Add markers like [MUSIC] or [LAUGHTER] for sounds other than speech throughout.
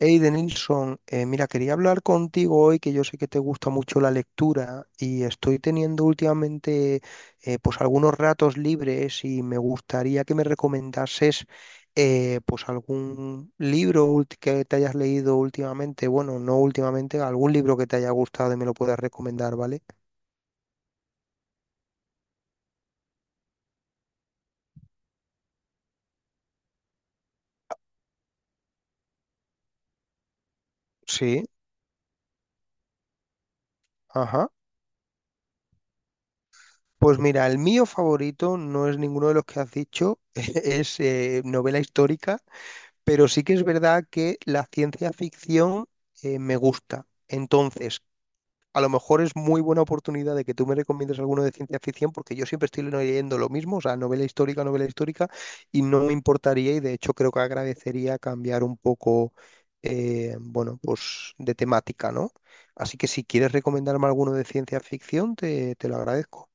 Hey, Denilson, mira, quería hablar contigo hoy, que yo sé que te gusta mucho la lectura y estoy teniendo últimamente pues algunos ratos libres y me gustaría que me recomendases pues algún que te hayas leído últimamente, bueno, no últimamente, algún libro que te haya gustado y me lo puedas recomendar, ¿vale? Sí, ajá. Pues mira, el mío favorito no es ninguno de los que has dicho, [LAUGHS] es novela histórica. Pero sí que es verdad que la ciencia ficción me gusta. Entonces, a lo mejor es muy buena oportunidad de que tú me recomiendes alguno de ciencia ficción, porque yo siempre estoy leyendo lo mismo, o sea, novela histórica, y no me importaría, y de hecho creo que agradecería cambiar un poco, bueno, pues de temática, ¿no? Así que si quieres recomendarme alguno de ciencia ficción, te lo agradezco.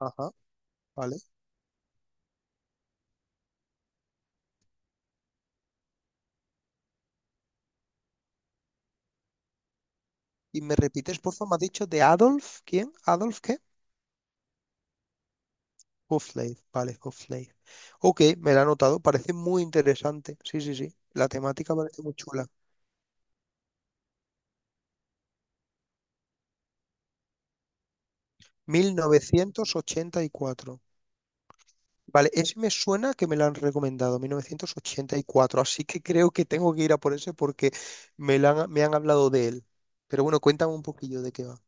Ajá, vale. ¿Y me repites, por favor, me has dicho de Adolf? ¿Quién? ¿Adolf qué? Half-Life, vale, Half-Life. Ok, me la he anotado, parece muy interesante. Sí, sí, sí, la temática parece muy chula. 1984. Vale, ese me suena que me lo han recomendado, 1984. Así que creo que tengo que ir a por ese porque me han hablado de él. Pero bueno, cuéntame un poquillo de qué va.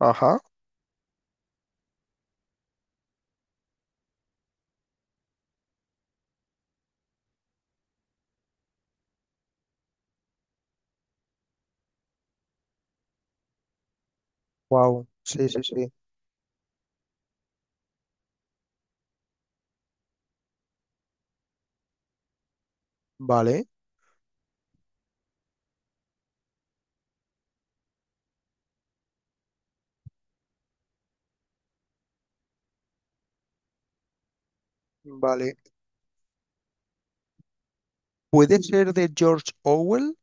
Ajá. Wow, sí, sí, sí. Vale, vale. ¿Puede ser de George Orwell?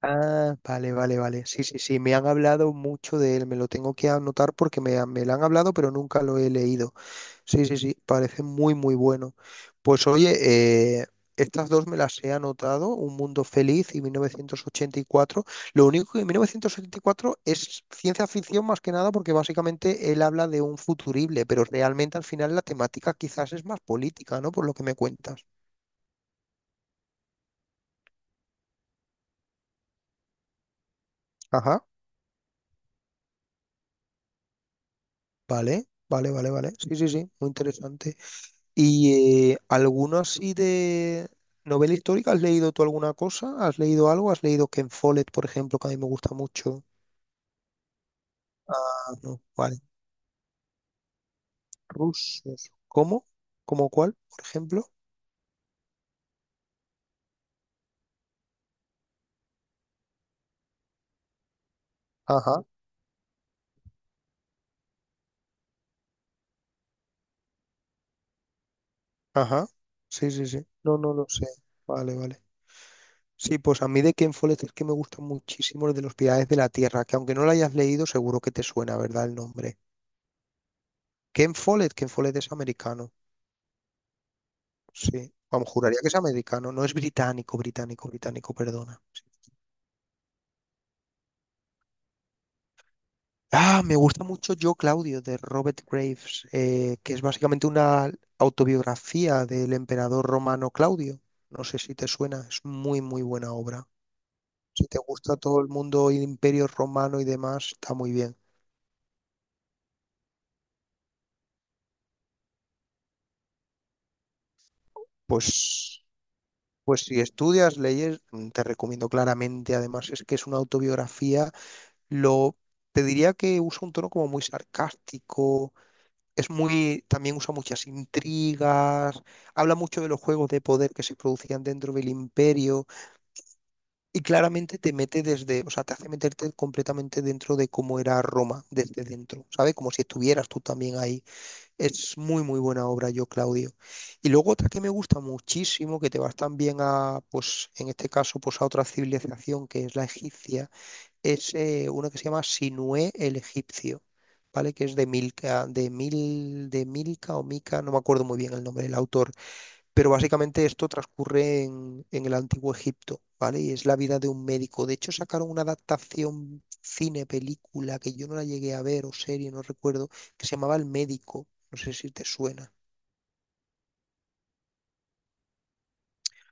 Ah, vale, vale, vale. Sí, sí, sí, me han hablado mucho de él, me lo tengo que anotar porque me lo han hablado, pero nunca lo he leído. Sí, sí, sí, parece muy, muy bueno. Pues oye, estas dos me las he anotado, Un Mundo Feliz y 1984. Lo único que 1984 es ciencia ficción más que nada porque básicamente él habla de un futurible, pero realmente al final la temática quizás es más política, ¿no? Por lo que me cuentas. Ajá, vale, vale, vale, vale. Sí, sí, sí, muy interesante. Y algunos y de novela histórica, ¿has leído tú alguna cosa? ¿Has leído algo? ¿Has leído Ken Follett, por ejemplo, que a mí me gusta mucho? Ah, no, vale. Rusos. ¿Cómo? ¿Cómo cuál, por ejemplo? Ajá, ajá. Sí, sí, sí. No, no lo sé. Vale, vale. Sí, pues a mí de Ken Follett es que me gusta muchísimo el de los Pilares de la Tierra, que aunque no lo hayas leído, seguro que te suena, ¿verdad? El nombre. Ken Follett, Ken Follett es americano. Sí. Vamos, juraría que es americano. No es británico, británico, británico, perdona. Ah, me gusta mucho Yo, Claudio, de Robert Graves, que es básicamente una autobiografía del emperador romano Claudio. No sé si te suena, es muy, muy buena obra. Si te gusta todo el mundo, el imperio romano y demás, está muy bien. Pues, pues si estudias leyes, mm, te recomiendo claramente. Además, es que es una autobiografía, lo, te diría que usa un tono como muy sarcástico. Es muy, también usa muchas intrigas, habla mucho de los juegos de poder que se producían dentro del imperio y claramente te mete desde, o sea, te hace meterte completamente dentro de cómo era Roma desde dentro, ¿sabes? Como si estuvieras tú también ahí. Es muy, muy buena obra, yo, Claudio. Y luego otra que me gusta muchísimo, que te vas también a, pues, en este caso, pues a otra civilización que es la egipcia es uno que se llama Sinué el Egipcio, ¿vale? Que es de Milka, de Milka o Mica, no me acuerdo muy bien el nombre del autor, pero básicamente esto transcurre en el Antiguo Egipto, ¿vale? Y es la vida de un médico. De hecho, sacaron una adaptación cine, película, que yo no la llegué a ver, o serie, no recuerdo, que se llamaba El Médico. No sé si te suena.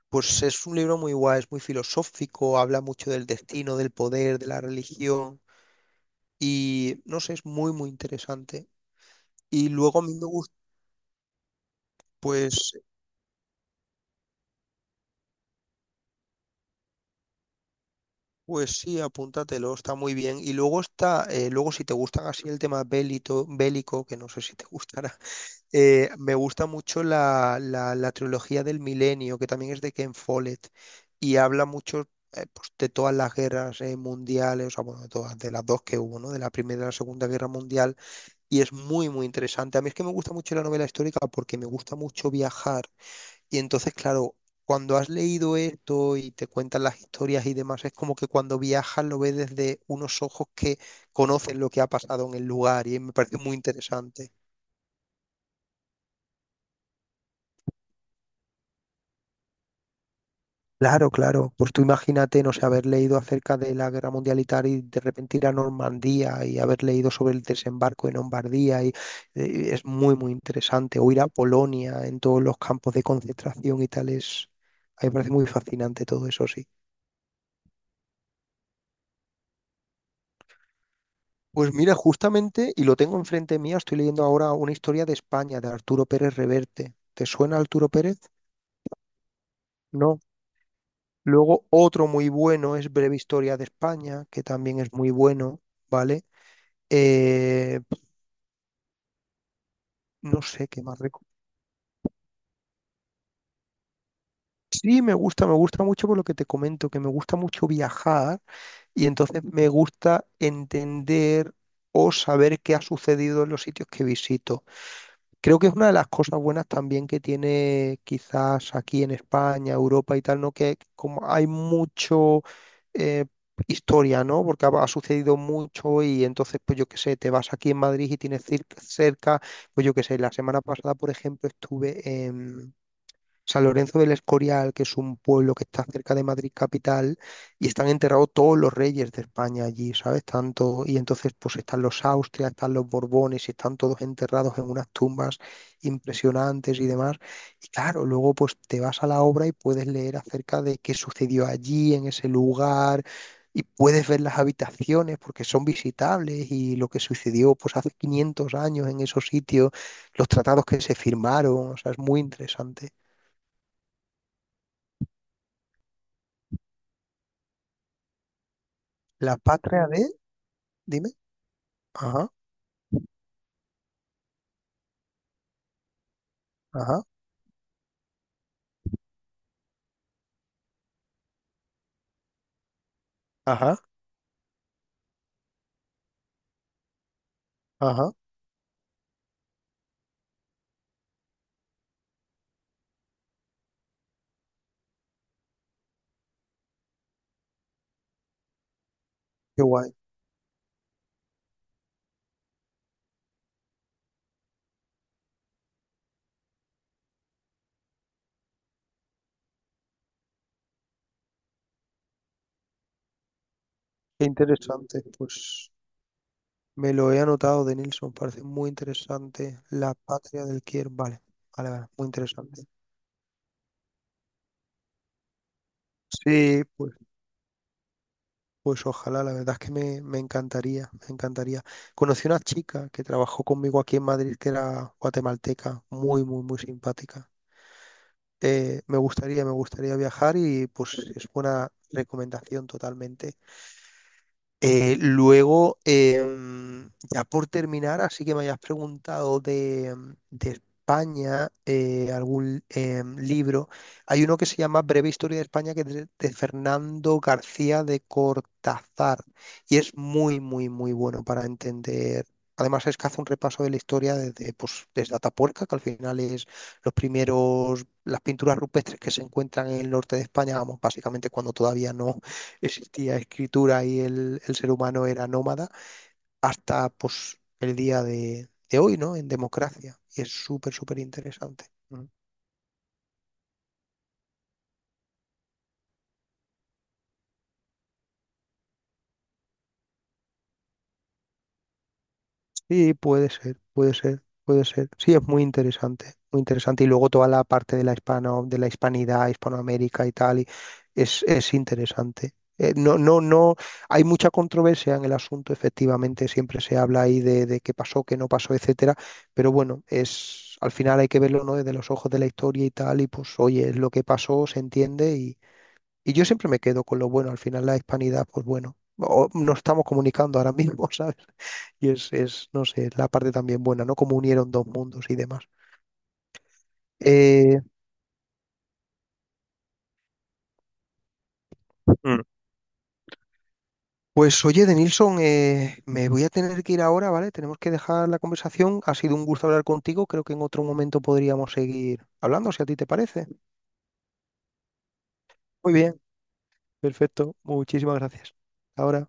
Pues es un libro muy guay, es muy filosófico, habla mucho del destino, del poder, de la religión y no sé, es muy, muy interesante. Y luego a mí me gusta, pues, pues sí, apúntatelo, está muy bien. Y luego está, luego si te gustan así el tema bélico, que no sé si te gustará, [LAUGHS] me gusta mucho la trilogía del Milenio, que también es de Ken Follett, y habla mucho pues, de todas las guerras mundiales, o sea, bueno, de todas, de las dos que hubo, ¿no? De la Primera y la Segunda Guerra Mundial, y es muy, muy interesante. A mí es que me gusta mucho la novela histórica porque me gusta mucho viajar. Y entonces, claro, cuando has leído esto y te cuentan las historias y demás, es como que cuando viajas lo ves desde unos ojos que conocen lo que ha pasado en el lugar y me parece muy interesante. Claro, claro. Pues tú imagínate, no sé, haber leído acerca de la Guerra Mundial y tal y de repente ir a Normandía y haber leído sobre el desembarco en Lombardía y es muy, muy interesante. O ir a Polonia en todos los campos de concentración y tal es... A mí me parece muy fascinante todo eso, sí. Pues mira, justamente, y lo tengo enfrente mía, estoy leyendo ahora una historia de España de Arturo Pérez Reverte. ¿Te suena Arturo Pérez? No. Luego otro muy bueno es Breve Historia de España, que también es muy bueno, ¿vale? Eh, no sé qué más reco- Sí, me gusta mucho por lo que te comento, que me gusta mucho viajar y entonces me gusta entender o saber qué ha sucedido en los sitios que visito. Creo que es una de las cosas buenas también que tiene quizás aquí en España, Europa y tal, ¿no? Que como hay mucho eh, historia, ¿no? Porque ha sucedido mucho y entonces, pues yo qué sé, te vas aquí en Madrid y tienes cerca, pues yo qué sé, la semana pasada, por ejemplo, estuve en San Lorenzo del Escorial, que es un pueblo que está cerca de Madrid capital, y están enterrados todos los reyes de España allí, ¿sabes? Tanto, y entonces pues están los Austrias, están los Borbones, y están todos enterrados en unas tumbas impresionantes y demás. Y claro, luego pues te vas a la obra y puedes leer acerca de qué sucedió allí, en ese lugar. Y puedes ver las habitaciones porque son visitables y lo que sucedió pues hace 500 años en esos sitios, los tratados que se firmaron, o sea, es muy interesante. La patria de, dime. Ajá, ajá, ajá, ajá. Qué guay, qué interesante. Pues me lo he anotado de Nilsson, parece muy interesante. La patria del Kier, vale, vale, vale, muy interesante. Sí, pues, pues ojalá, la verdad es que me encantaría, me encantaría. Conocí una chica que trabajó conmigo aquí en Madrid, que era guatemalteca, muy, muy, muy simpática. Me gustaría viajar y pues es buena recomendación totalmente. Luego, ya por terminar, así que me hayas preguntado de España, algún libro. Hay uno que se llama Breve Historia de España, que es de Fernando García de Cortázar, y es muy, muy, muy bueno para entender. Además, es que hace un repaso de la historia desde, pues, desde Atapuerca, que al final es los primeros, las pinturas rupestres que se encuentran en el norte de España, vamos, básicamente cuando todavía no existía escritura y el ser humano era nómada hasta pues, el día de hoy, ¿no? En democracia. Y es súper, súper interesante. Sí, puede ser, puede ser, puede ser. Sí, es muy interesante, muy interesante. Y luego toda la parte de la de la hispanidad, Hispanoamérica y tal, y es interesante. No, no, no, hay mucha controversia en el asunto, efectivamente, siempre se habla ahí de qué pasó, qué no pasó, etcétera, pero bueno, es, al final hay que verlo, ¿no? Desde los ojos de la historia y tal, y pues, oye, es lo que pasó, se entiende y yo siempre me quedo con lo bueno. Al final la hispanidad, pues bueno, nos estamos comunicando ahora mismo, [LAUGHS] ¿sabes? Es, no sé, la parte también buena, ¿no? Como unieron dos mundos y demás. Eh, Mm. Pues oye, Denilson, me voy a tener que ir ahora, ¿vale? Tenemos que dejar la conversación. Ha sido un gusto hablar contigo. Creo que en otro momento podríamos seguir hablando, si a ti te parece. Muy bien, perfecto. Muchísimas gracias. Ahora.